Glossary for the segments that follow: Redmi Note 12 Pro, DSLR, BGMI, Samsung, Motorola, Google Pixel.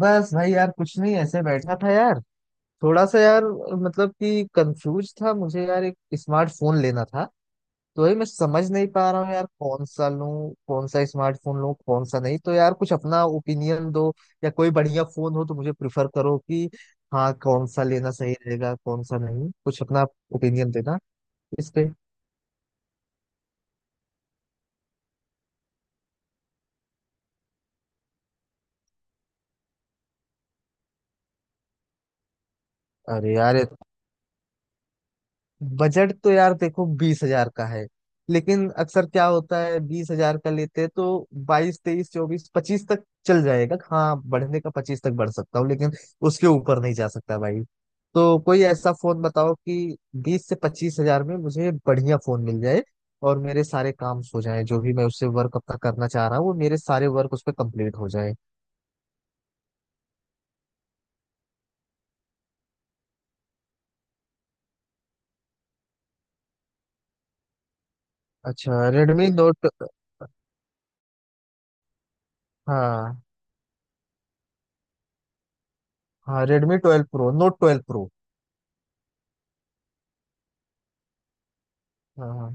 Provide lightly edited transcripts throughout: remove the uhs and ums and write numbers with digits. बस भाई यार कुछ नहीं, ऐसे बैठा था यार। थोड़ा सा यार, मतलब कि कंफ्यूज था मुझे यार, एक स्मार्टफोन लेना था। तो वही मैं समझ नहीं पा रहा हूँ यार, कौन सा लूँ, कौन सा स्मार्टफोन लूँ, कौन सा नहीं। तो यार कुछ अपना ओपिनियन दो, या कोई बढ़िया फोन हो तो मुझे प्रिफर करो कि हाँ, कौन सा लेना सही रहेगा कौन सा नहीं, कुछ अपना ओपिनियन देना इस पे। अरे यार, बजट तो यार देखो 20 हजार का है। लेकिन अक्सर क्या होता है, बीस हजार का लेते हैं तो 22, 23, 24, 25 तक चल जाएगा। हाँ, बढ़ने का 25 तक बढ़ सकता हूँ, लेकिन उसके ऊपर नहीं जा सकता भाई। तो कोई ऐसा फोन बताओ कि 20 से 25 हजार में मुझे बढ़िया फोन मिल जाए और मेरे सारे काम हो जाए। जो भी मैं उससे वर्क अपना करना चाह रहा हूँ वो मेरे सारे वर्क उस पर कंप्लीट हो जाए। अच्छा, रेडमी नोट। हाँ। हाँ, Redmi twelve pro, note twelve pro. हाँ।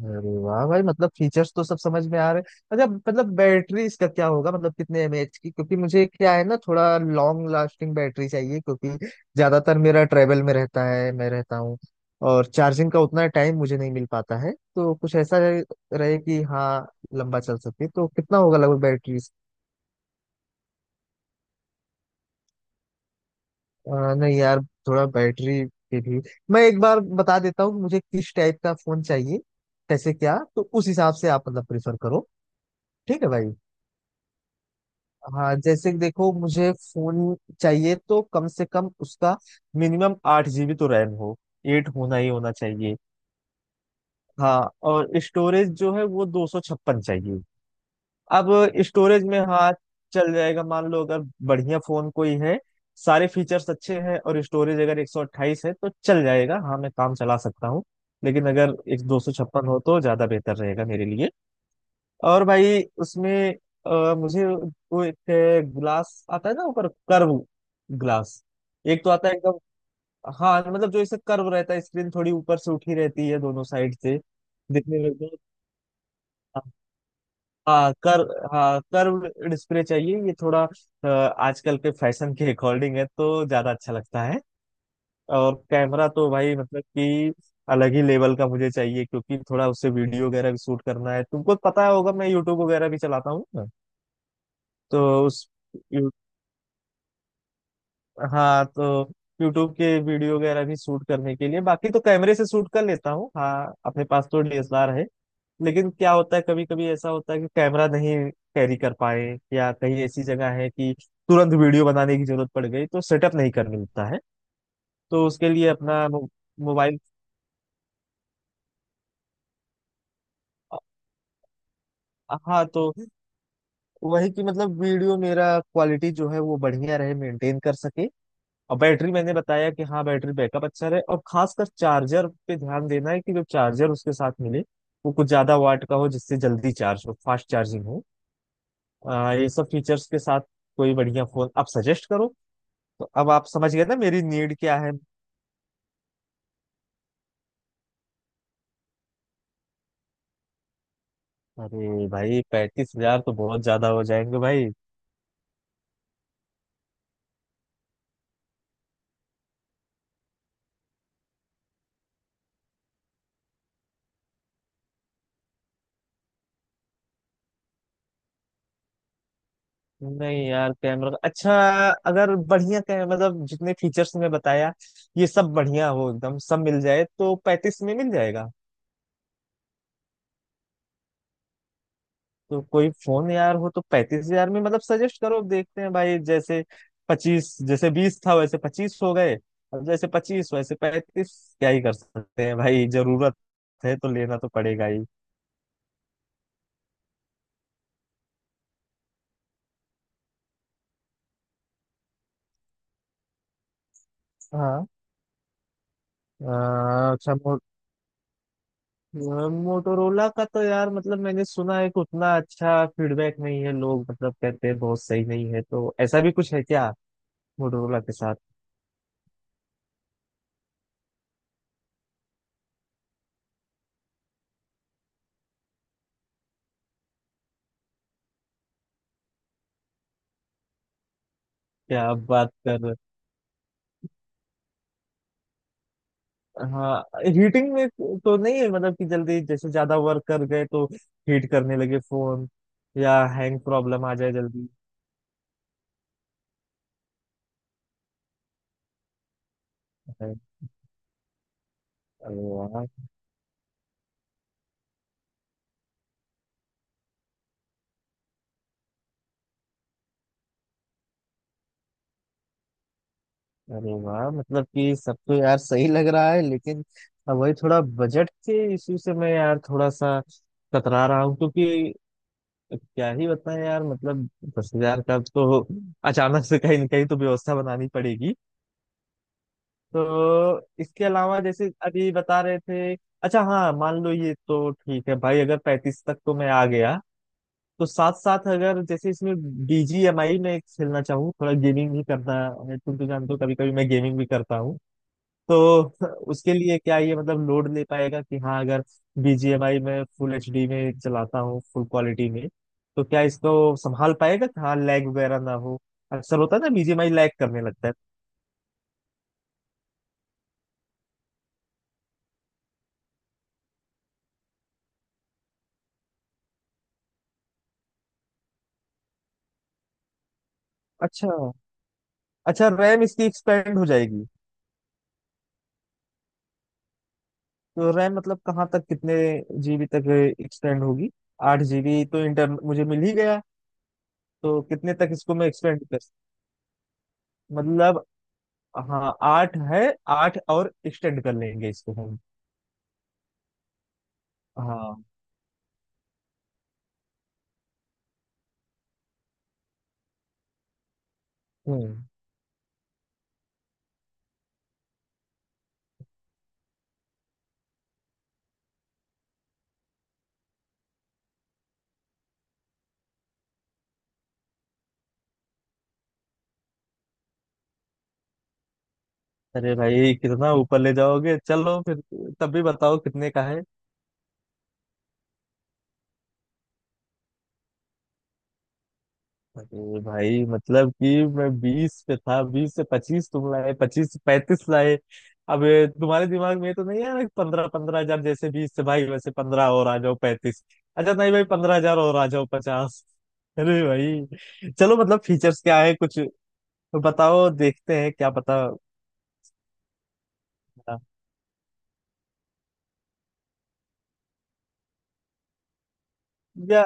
अरे वाह भाई, मतलब फीचर्स तो सब समझ में आ रहे हैं। अच्छा, मतलब बैटरी इसका क्या होगा, मतलब कितने mAh की, क्योंकि मुझे क्या है ना, थोड़ा लॉन्ग लास्टिंग बैटरी चाहिए, क्योंकि ज्यादातर मेरा ट्रेवल में रहता है, मैं रहता हूँ, और चार्जिंग का उतना टाइम मुझे नहीं मिल पाता है। तो कुछ ऐसा रहे कि हाँ लंबा चल सके। तो कितना होगा लगभग बैटरी? नहीं यार, थोड़ा बैटरी पे भी मैं एक बार बता देता हूँ मुझे किस टाइप का फोन चाहिए, कैसे क्या, तो उस हिसाब से आप मतलब प्रेफर करो। ठीक है भाई। हाँ, जैसे कि देखो मुझे फोन चाहिए तो कम से कम उसका मिनिमम 8 जीबी तो रैम हो, एट होना ही होना चाहिए। हाँ, और स्टोरेज जो है वो 256 चाहिए। अब स्टोरेज में हाँ चल जाएगा, मान लो अगर बढ़िया फोन कोई है, सारे फीचर्स अच्छे हैं और स्टोरेज अगर 128 है तो चल जाएगा, हाँ मैं काम चला सकता हूँ। लेकिन अगर एक 256 हो तो ज्यादा बेहतर रहेगा मेरे लिए। और भाई उसमें मुझे वो एक ग्लास आता है ना, ऊपर कर्व ग्लास, एक तो आता है एकदम। हाँ, मतलब जो इसे कर्व रहता है, स्क्रीन थोड़ी ऊपर से उठी रहती है दोनों साइड से, दिखने में एकदम। हाँ कर हाँ, कर्व डिस्प्ले चाहिए। ये थोड़ा आजकल के फैशन के अकॉर्डिंग है तो ज्यादा अच्छा लगता है। और कैमरा तो भाई मतलब कि अलग ही लेवल का मुझे चाहिए, क्योंकि थोड़ा उससे वीडियो वगैरह भी शूट करना है, तुमको पता होगा मैं यूट्यूब वगैरह भी चलाता हूँ। तो उस यू- हाँ, तो यूट्यूब के वीडियो वगैरह भी शूट करने के लिए, बाकी तो कैमरे से शूट कर लेता हूँ, हाँ अपने पास तो DSLR है। लेकिन क्या होता है, कभी कभी ऐसा होता है कि कैमरा नहीं कैरी कर पाए, या कहीं ऐसी जगह है कि तुरंत वीडियो बनाने की जरूरत पड़ गई तो सेटअप नहीं कर मिलता है। तो उसके लिए अपना मोबाइल। हाँ, तो वही कि मतलब वीडियो मेरा क्वालिटी जो है वो बढ़िया रहे, मेंटेन कर सके। और बैटरी मैंने बताया कि हाँ, बैटरी बैकअप अच्छा रहे, और खासकर चार्जर पे ध्यान देना है कि जो चार्जर उसके साथ मिले वो कुछ ज्यादा वाट का हो, जिससे जल्दी चार्ज हो, फास्ट चार्जिंग हो। ये सब फीचर्स के साथ कोई बढ़िया फोन आप सजेस्ट करो। तो अब आप समझ गए ना मेरी नीड क्या है। अरे भाई, 35 हजार तो बहुत ज्यादा हो जाएंगे भाई। नहीं यार, कैमरा अच्छा, अगर बढ़िया कैमरा, मतलब जितने फीचर्स मैं बताया ये सब बढ़िया हो एकदम, सब मिल जाए तो 35 में मिल जाएगा? तो कोई फोन यार हो तो 35 हजार में, मतलब सजेस्ट करो, देखते हैं भाई। जैसे 25, जैसे 20 था वैसे 25 हो गए, अब जैसे 25 वैसे 35। क्या ही कर सकते हैं भाई, जरूरत है तो लेना तो पड़ेगा ही। हाँ। अच्छा, मोटोरोला का तो यार, मतलब मैंने सुना है कि उतना अच्छा फीडबैक नहीं है, लोग मतलब कहते हैं बहुत सही नहीं है, तो ऐसा भी कुछ है क्या मोटोरोला के साथ? क्या आप बात कर, हाँ हीटिंग में तो नहीं है, मतलब कि जल्दी जैसे ज्यादा वर्क कर गए तो हीट करने लगे फोन, या हैंग प्रॉब्लम आ जाए जल्दी? अरे अरे वाह अरे वाह, मतलब कि सब तो यार सही लग रहा है, लेकिन अब वही थोड़ा बजट के इशू से मैं यार थोड़ा सा कतरा रहा हूँ, क्योंकि क्या ही बताएं यार, मतलब 10 हजार का तो अचानक से कहीं न कहीं तो व्यवस्था बनानी पड़ेगी। तो इसके अलावा जैसे अभी बता रहे थे, अच्छा हाँ मान लो ये तो ठीक है भाई, अगर 35 तक तो मैं आ गया, तो साथ साथ अगर जैसे इसमें BGMI में एक खेलना चाहूँ, थोड़ा गेमिंग भी करना है, तुम तो जानते हो कभी कभी मैं गेमिंग भी करता हूँ। तो उसके लिए क्या ये मतलब लोड ले पाएगा कि हाँ? अगर BGMI में फुल HD में चलाता हूँ, फुल क्वालिटी में, तो क्या इसको संभाल पाएगा कि हाँ, लैग वगैरह ना हो। अक्सर होता है ना, BGMI लैग करने लगता है। अच्छा। अच्छा, रैम इसकी एक्सपेंड हो जाएगी? तो रैम मतलब कहाँ तक, कितने जीबी तक एक्सपेंड होगी? आठ जीबी तो इंटर मुझे मिल ही गया, तो कितने तक इसको मैं एक्सपेंड कर, मतलब, हाँ 8 है, 8 और एक्सटेंड कर लेंगे इसको हम। हाँ। हम्म। अरे भाई कितना ऊपर ले जाओगे, चलो फिर तब भी बताओ कितने का है। अरे भाई, मतलब कि मैं 20 पे था, 20 से पच्चीस तुम लाए, 25 से 35 लाए, अब ये तुम्हारे दिमाग में ये तो नहीं है 15-15 हजार, जैसे बीस से भाई वैसे 15 और आ जाओ 35, अच्छा नहीं भाई 15 हजार और आ जाओ 50? अरे भाई चलो मतलब फीचर्स क्या है, कुछ बताओ, देखते हैं क्या पता। या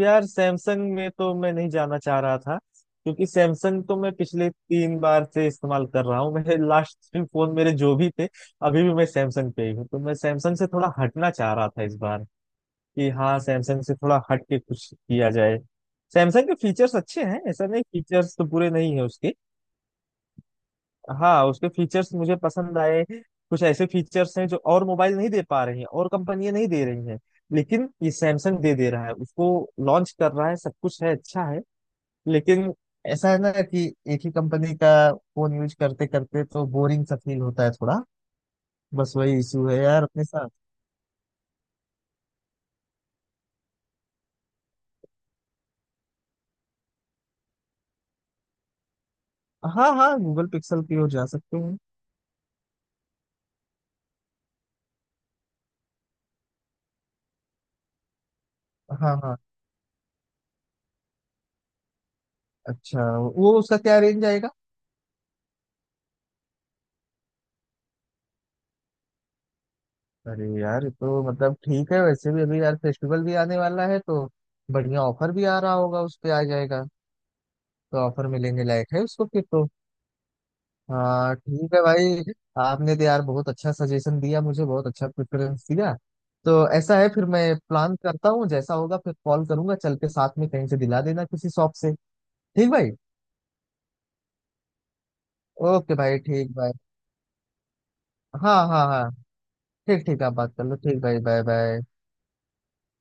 यार, सैमसंग में तो मैं नहीं जाना चाह रहा था, क्योंकि सैमसंग तो मैं पिछले 3 बार से इस्तेमाल कर रहा हूँ, मेरे लास्ट 3 फोन मेरे जो भी थे, अभी भी मैं सैमसंग पे ही हूँ, तो मैं सैमसंग से थोड़ा हटना चाह रहा था इस बार कि हाँ, सैमसंग से थोड़ा हट के कुछ किया जाए। सैमसंग के फीचर्स अच्छे हैं ऐसा नहीं, फीचर्स तो बुरे नहीं है उसके। हाँ, उसके फीचर्स मुझे पसंद आए, कुछ ऐसे फीचर्स हैं जो और मोबाइल नहीं दे पा रही हैं और कंपनियां नहीं दे रही हैं, लेकिन ये सैमसंग दे दे रहा है उसको, लॉन्च कर रहा है, सब कुछ है, अच्छा है। लेकिन ऐसा है ना कि एक ही कंपनी का फोन यूज करते करते तो बोरिंग सा फील होता है थोड़ा। बस वही इशू है यार अपने साथ। हाँ हाँ, गूगल पिक्सल की ओर जा सकते हैं। हाँ हाँ। अच्छा, वो उसका क्या रेंज आएगा? अरे यार ये तो मतलब ठीक है, वैसे भी अभी यार फेस्टिवल भी आने वाला है तो बढ़िया ऑफर भी आ रहा होगा, उस पे आ जाएगा। तो ऑफर में लेने लायक है उसको फिर तो। हाँ ठीक है भाई, आपने तो यार बहुत अच्छा सजेशन दिया मुझे, बहुत अच्छा प्रेफरेंस दिया। तो ऐसा है, फिर मैं प्लान करता हूँ, जैसा होगा फिर कॉल करूंगा, चल के साथ में कहीं से दिला देना किसी शॉप से। ठीक भाई। ओके भाई, ठीक भाई। हाँ हाँ हाँ, ठीक ठीक, आप बात कर लो, ठीक भाई, बाय बाय।